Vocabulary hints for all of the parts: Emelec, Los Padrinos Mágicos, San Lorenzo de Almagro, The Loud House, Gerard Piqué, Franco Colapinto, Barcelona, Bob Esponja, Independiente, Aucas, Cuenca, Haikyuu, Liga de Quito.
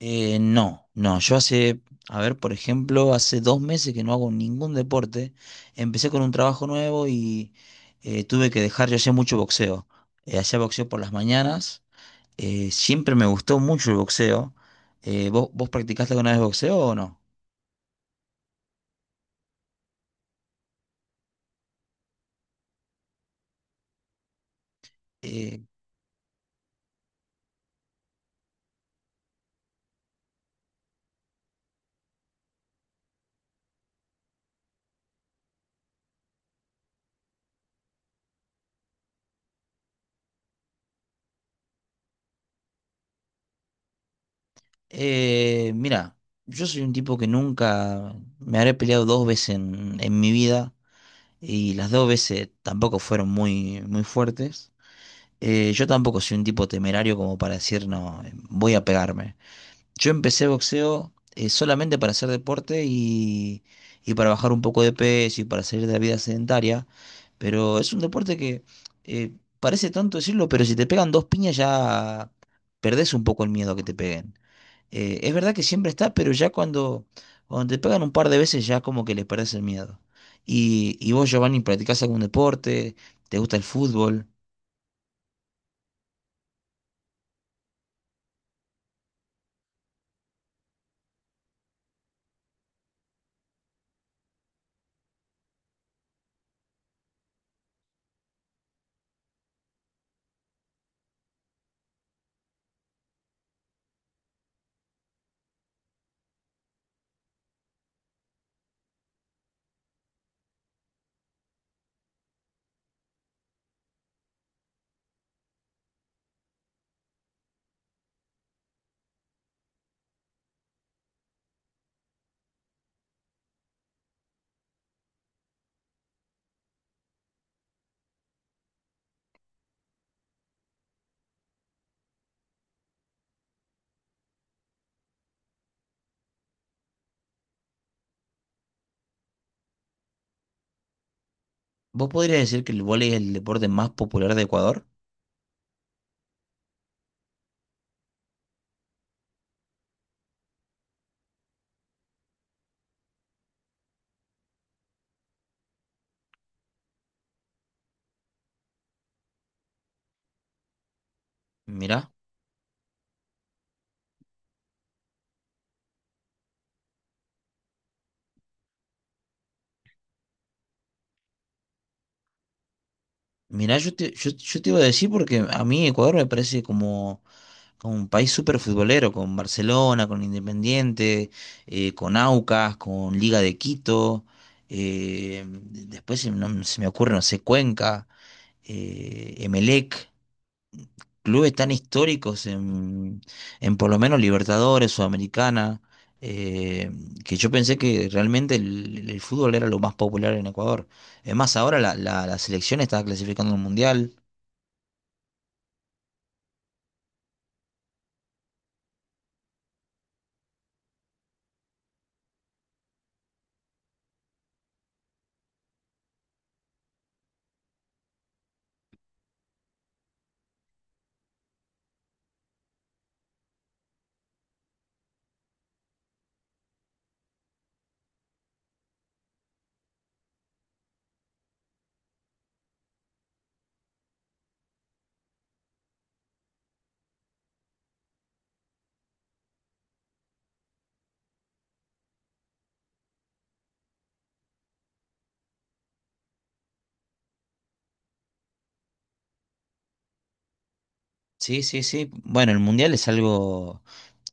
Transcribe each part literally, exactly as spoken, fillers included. Eh, no, no, yo hace, a ver, por ejemplo, hace dos meses que no hago ningún deporte. Empecé con un trabajo nuevo y eh, tuve que dejar, yo hacía mucho boxeo. Eh, hacía boxeo por las mañanas. Eh, siempre me gustó mucho el boxeo. Eh, ¿vos, vos practicaste alguna vez boxeo o no? Eh, eh, Mira, yo soy un tipo que nunca me habré peleado dos veces en, en mi vida y las dos veces tampoco fueron muy, muy fuertes. Eh, yo tampoco soy un tipo temerario como para decir, no, eh, voy a pegarme. Yo empecé boxeo eh, solamente para hacer deporte y, y para bajar un poco de peso y para salir de la vida sedentaria, pero es un deporte que eh, parece tanto decirlo, pero si te pegan dos piñas ya perdés un poco el miedo a que te peguen. Eh, es verdad que siempre está, pero ya cuando, cuando te pegan un par de veces ya como que le perdés el miedo. Y, y vos, Giovanni, ¿practicás algún deporte? ¿Te gusta el fútbol? ¿Vos podrías decir que el vóley es el deporte más popular de Ecuador? Mirá, mirá, yo te, yo, yo te iba a decir porque a mí Ecuador me parece como, como un país súper futbolero, con Barcelona, con Independiente, eh, con Aucas, con Liga de Quito, eh, después se, no- se me ocurre, no sé, Cuenca, eh, Emelec. Clubes tan históricos en, en por lo menos Libertadores, Sudamericana, eh, que yo pensé que realmente el, el fútbol era lo más popular en Ecuador. Es más, ahora la, la, la selección está clasificando al Mundial. Sí, sí, sí. Bueno, el Mundial es algo,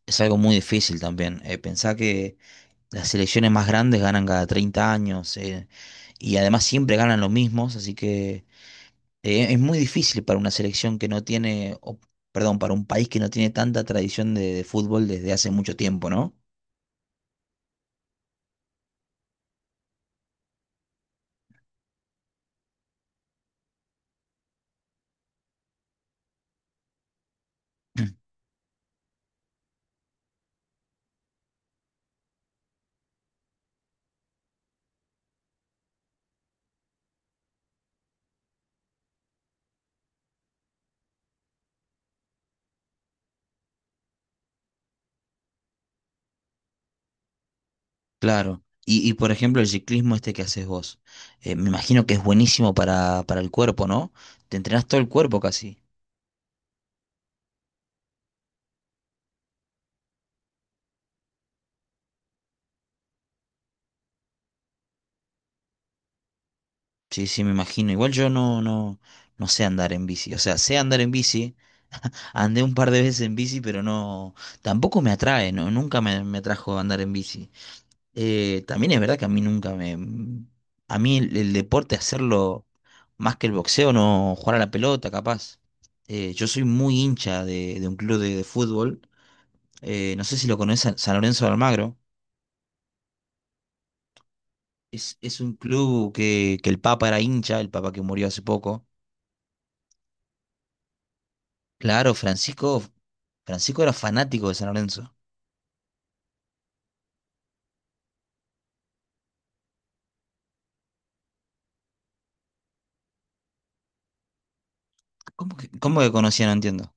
es algo muy difícil también. Eh, pensá que las selecciones más grandes ganan cada treinta años, eh, y además siempre ganan los mismos, así que... Eh, es muy difícil para una selección que no tiene, o, perdón, para un país que no tiene tanta tradición de, de fútbol desde hace mucho tiempo, ¿no? Claro. Y, y, por ejemplo, el ciclismo este que haces vos, eh, me imagino que es buenísimo para, para el cuerpo, ¿no? Te entrenás todo el cuerpo casi. Sí, sí, me imagino. Igual yo no, no, no sé andar en bici. O sea, sé andar en bici. Andé un par de veces en bici, pero no, tampoco me atrae, ¿no? Nunca me, me atrajo andar en bici. Eh, también es verdad que a mí nunca me... mm, A mí el, el deporte, hacerlo más que el boxeo, no jugar a la pelota, capaz. Eh, yo soy muy hincha de, de un club de, de fútbol. Eh, no sé si lo conocen, San Lorenzo de Almagro. Es, es un club que, que el Papa era hincha, el Papa que murió hace poco. Claro, Francisco, Francisco era fanático de San Lorenzo. ¿Cómo que, cómo que conocía? No entiendo.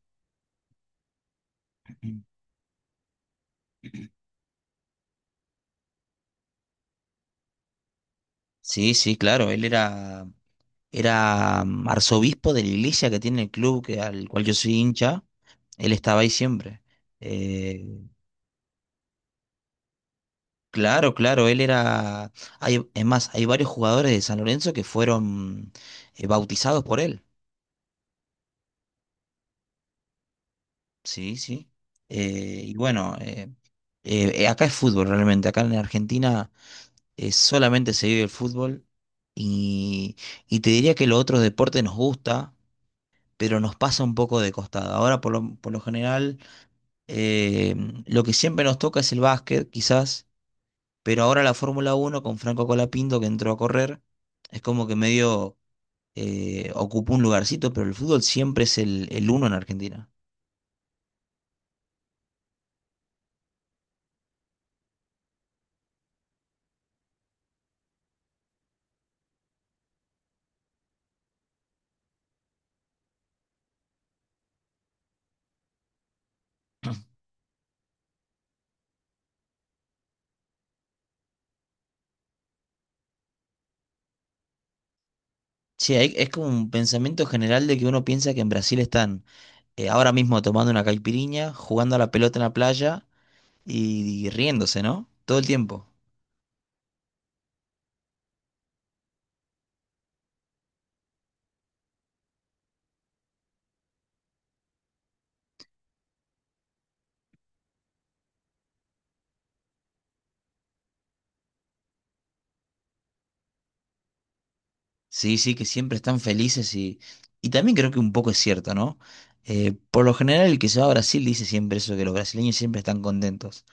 Sí, sí, claro, él era, era mm, arzobispo de la iglesia que tiene el club que, al cual yo soy hincha. Él estaba ahí siempre. Eh, claro, claro, él era... Hay, es más, hay varios jugadores de San Lorenzo que fueron eh, bautizados por él. Sí, sí. Eh, y bueno, eh, eh, Acá es fútbol realmente. Acá en Argentina eh, solamente se vive el fútbol. Y, y te diría que los otros deportes nos gusta, pero nos pasa un poco de costado. Ahora, por lo, por lo general, eh, lo que siempre nos toca es el básquet, quizás. Pero ahora la Fórmula uno con Franco Colapinto que entró a correr, es como que medio eh, ocupó un lugarcito, pero el fútbol siempre es el, el uno en Argentina. Sí, hay- es como un pensamiento general de que uno piensa que en Brasil están eh, ahora mismo tomando una caipiriña, jugando a la pelota en la playa y, y riéndose, ¿no? Todo el tiempo. Sí, sí, que siempre están felices y, y también creo que un poco es cierto, ¿no? Eh, por lo general el que se va a Brasil dice siempre eso, que los brasileños siempre están contentos.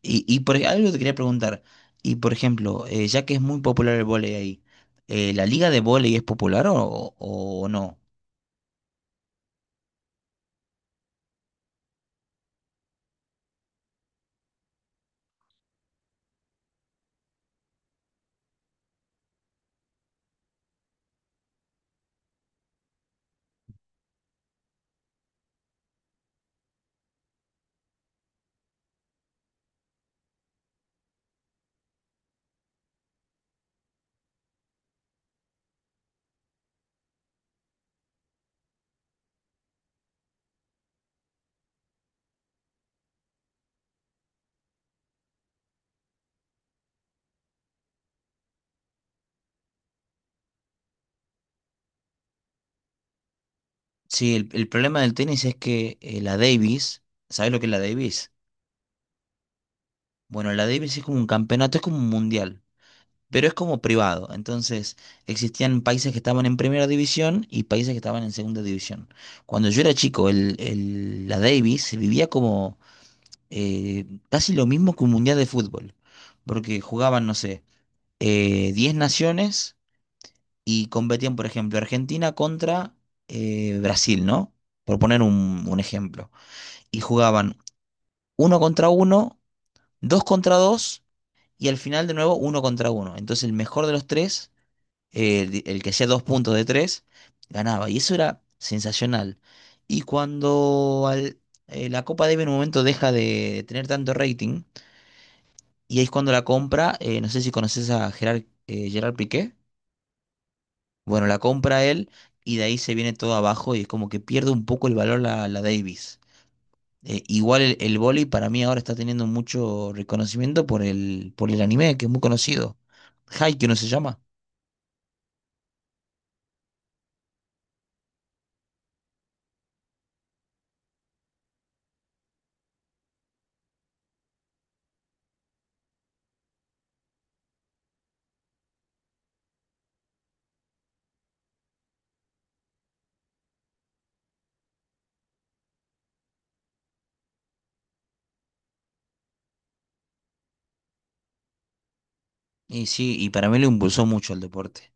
Y, y por, algo te quería preguntar. Y por ejemplo, eh, ya que es muy popular el vóley ahí, eh, ¿la liga de vóley es popular o, o no? Sí, el, el problema del tenis es que eh, la Davis, ¿sabes lo que es la Davis? Bueno, la Davis es como un campeonato, es como un mundial, pero es como privado. Entonces, existían países que estaban en primera división y países que estaban en segunda división. Cuando yo era chico, el, el- la Davis se vivía como eh, casi lo mismo que un mundial de fútbol, porque jugaban, no sé. eh, diez naciones y competían, por ejemplo, Argentina contra eh, Brasil, ¿no? Por poner un, un ejemplo. Y jugaban uno contra uno, dos contra dos y al final de nuevo uno contra uno. Entonces el mejor de los tres, eh, el, el que hacía dos puntos de tres, ganaba. Y eso era sensacional. Y cuando al- eh, la Copa Davis en un momento deja de tener tanto rating, y ahí es cuando la compra, eh, no sé si conoces a Gerard, eh, Gerard Piqué. Bueno, la compra él y de ahí se viene todo abajo y es como que pierde un poco el valor la, la Davis. Eh, igual el, el vóley para mí ahora está teniendo mucho reconocimiento por el, por el anime, que es muy conocido. Haikyuu no se llama. Y sí, y para mí lo impulsó mucho el deporte.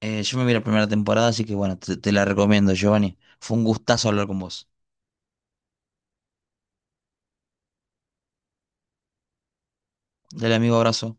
Eh, yo me vi la primera temporada, así que bueno, te, te la recomiendo, Giovanni. Fue un gustazo hablar con vos. Dale, amigo, abrazo.